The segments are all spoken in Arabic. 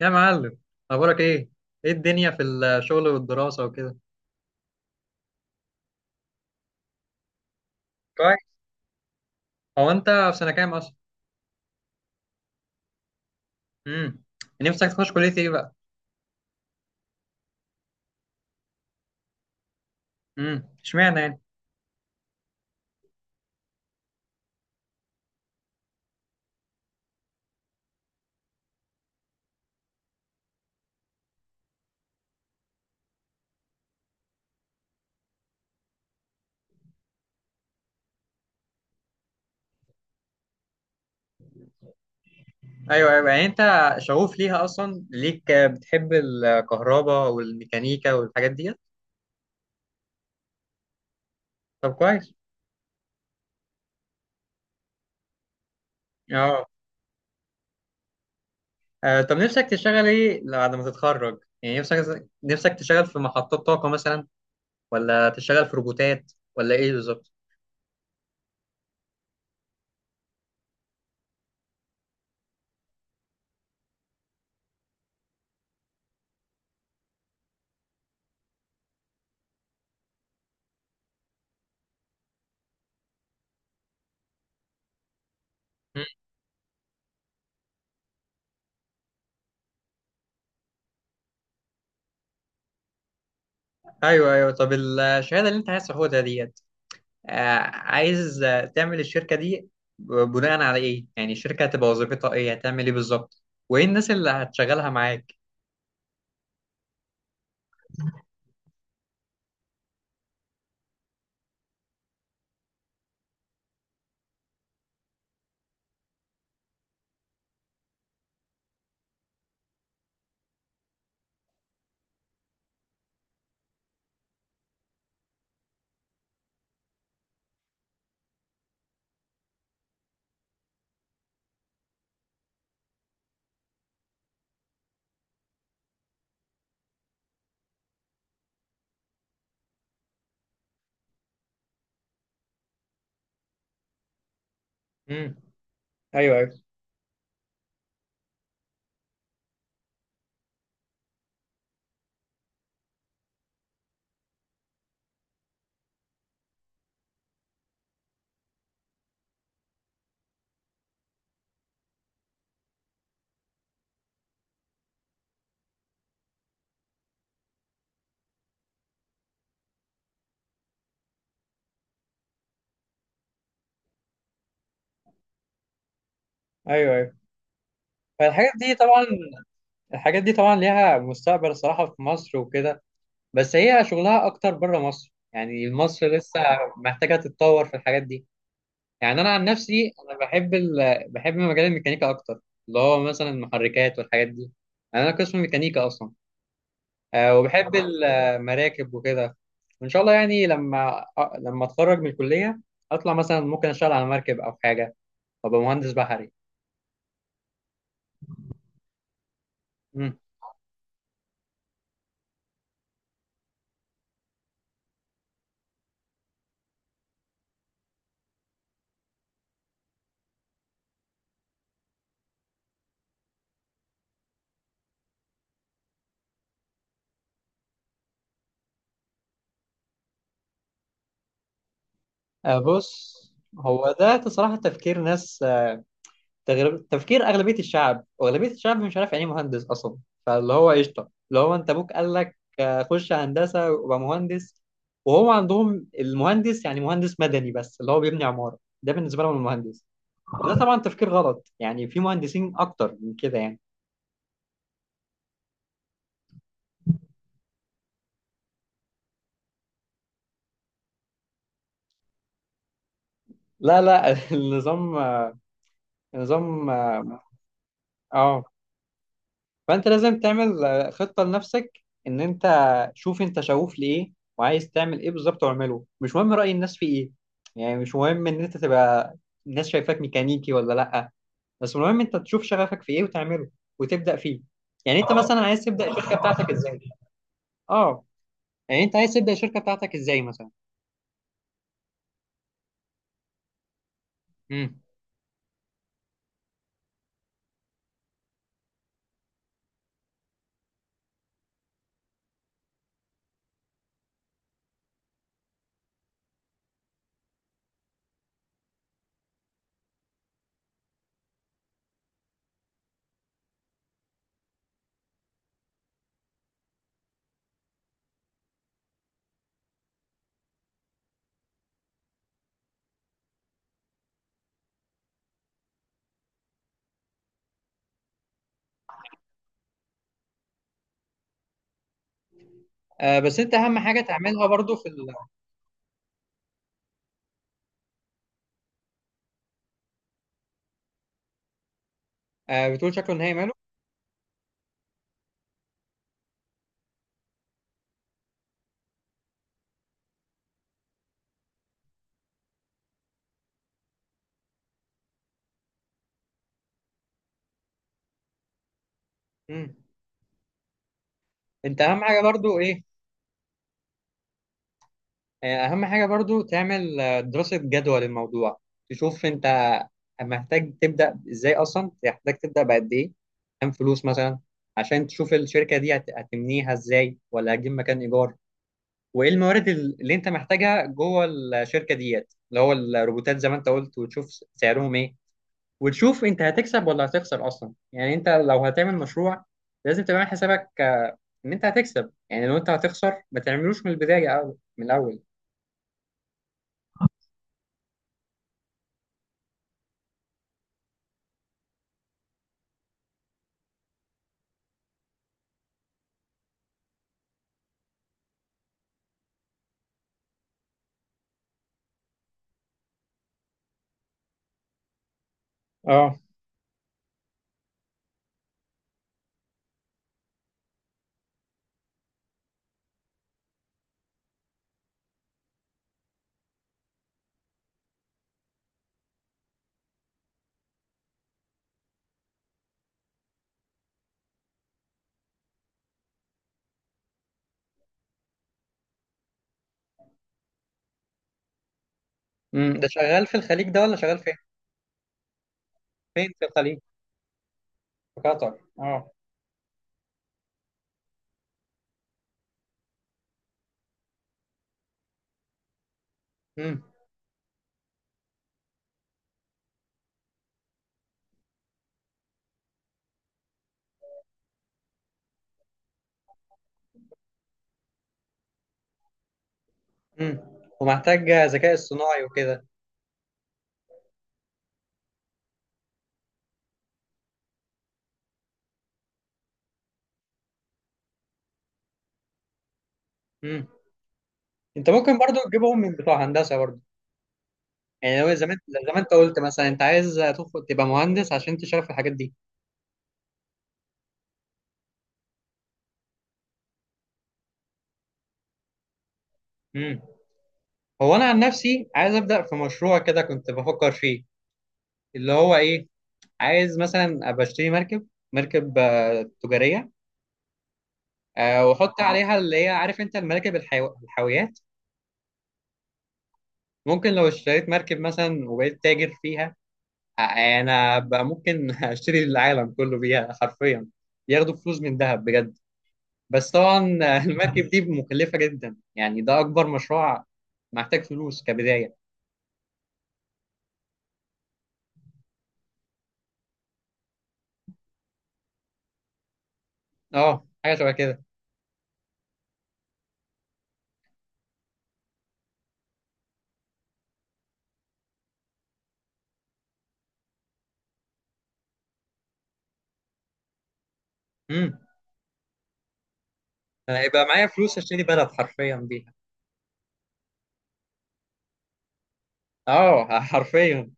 يا معلم، أنا بقولك إيه. إيه الدنيا في الشغل والدراسة وكده؟ كويس. هو أنت في سنة كام أصلا؟ امم نفسك تخش كلية إيه بقى؟ إشمعنى يعني؟ أيوه أيوه، يعني أنت شغوف ليها أصلا، ليك بتحب الكهرباء والميكانيكا والحاجات دي؟ طب كويس. أه آه، طب نفسك تشتغل إيه بعد ما تتخرج؟ يعني نفسك تشتغل في محطات طاقة مثلا، ولا تشتغل في روبوتات، ولا إيه بالظبط؟ مم. أيوه أيوه، طب الشهادة اللي أنت عايز تاخدها دي، عايز تعمل الشركة دي بناء على ايه؟ يعني الشركة هتبقى وظيفتها ايه، هتعمل ايه بالظبط، وايه الناس اللي هتشغلها معاك؟ امم ايوه ايوه ايوه ايوه. الحاجات دي طبعا الحاجات دي طبعا ليها مستقبل الصراحه في مصر وكده، بس هي شغلها اكتر بره مصر، يعني مصر لسه محتاجه تتطور في الحاجات دي. يعني انا عن نفسي انا بحب بحب مجال الميكانيكا اكتر، اللي هو مثلا المحركات والحاجات دي. يعني انا قسم ميكانيكا اصلا، وبحب المراكب وكده. وان شاء الله يعني لما اتخرج من الكليه، اطلع مثلا ممكن اشتغل على مركب او حاجه، وابقى مهندس بحري. مم. بص، هو ده صراحه تفكير ناس، تفكير اغلبيه الشعب، واغلبيه الشعب مش عارف يعني ايه مهندس اصلا. فاللي هو قشطه، اللي هو انت ابوك قال لك خش هندسه وابقى مهندس. وهو عندهم المهندس يعني مهندس مدني بس، اللي هو بيبني عماره، ده بالنسبه لهم المهندس. وده طبعا تفكير غلط، يعني في مهندسين اكتر من كده يعني. لا لا النظام. النظام. اه. فانت لازم تعمل خطه لنفسك، ان انت شوف انت شغوف لايه، وعايز تعمل ايه بالظبط، واعمله. مش مهم راي الناس في ايه، يعني مش مهم ان انت تبقى الناس شايفاك ميكانيكي ولا لا، بس المهم انت تشوف شغفك في ايه وتعمله وتبدا فيه. يعني انت مثلا عايز تبدا الشركه بتاعتك ازاي؟ اه يعني انت عايز تبدا الشركه بتاعتك ازاي مثلا؟ امم بس انت اهم حاجه تعملها برضو آه، بتقول شكله نهائي ماله؟ امم انت اهم حاجه برضو ايه؟ اهم حاجه برضو تعمل دراسه جدوى للموضوع، تشوف انت محتاج تبدا ازاي اصلا، محتاج تبدا بقد ايه، كام فلوس مثلا، عشان تشوف الشركه دي هتبنيها ازاي، ولا هتجيب مكان ايجار. وايه الموارد اللي انت محتاجها جوه الشركه ديت، اللي هو الروبوتات زي ما انت قلت، وتشوف سعرهم ايه، وتشوف انت هتكسب ولا هتخسر اصلا. يعني انت لو هتعمل مشروع لازم تعمل حسابك ان انت هتكسب، يعني لو انت هتخسر ما تعملوش من البدايه أو من الاول. اه. ده شغال في الخليج ده ولا شغال فين؟ فين في الخليج؟ في قطر. اه. امم امم ومحتاج ذكاء اصطناعي وكده. امم انت ممكن برضو تجيبهم من بتوع هندسه برضو. يعني لو زمان زي ما انت قلت مثلا، انت عايز تدخل تبقى مهندس عشان تشتغل في الحاجات دي. امم هو انا عن نفسي عايز ابدا في مشروع كده، كنت بفكر فيه، اللي هو ايه، عايز مثلا ابقى اشتري مركب تجاريه، واحط عليها اللي هي عارف انت المراكب الحاويات. ممكن لو اشتريت مركب مثلا وبقيت تاجر فيها، انا بقى ممكن اشتري العالم كله بيها حرفيا، ياخدوا فلوس من دهب بجد. بس طبعا المركب دي مكلفة جدا، يعني ده اكبر مشروع، محتاج فلوس كبداية. اه، حاجة شبه كده. امم انا يبقى معايا فلوس اشتري بلد حرفيا بيها. اه حرفيا.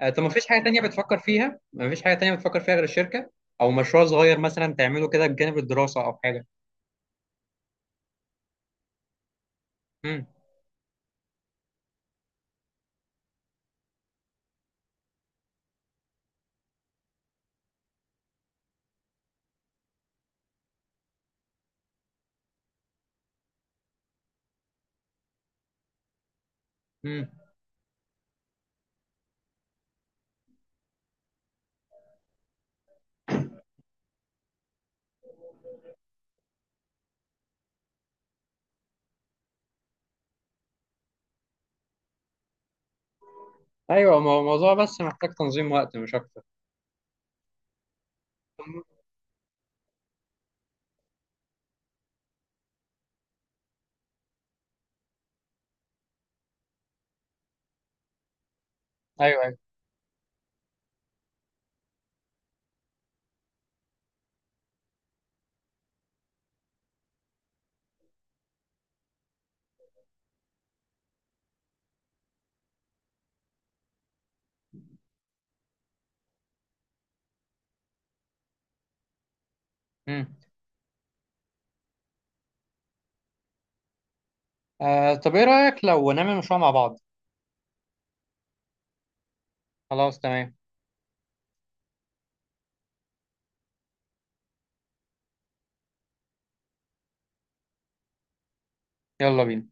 طب مفيش حاجة تانية بتفكر فيها غير الشركة، او مشروع صغير مثلا تعمله كده بجانب الدراسة او حاجة. امم امم ايوه، ما هو الموضوع بس محتاج تنظيم وقت مش اكتر. ايوه ايوه. امم طب ايه رأيك لو نعمل مشروع مع بعض؟ خلاص تمام. يلا بينا.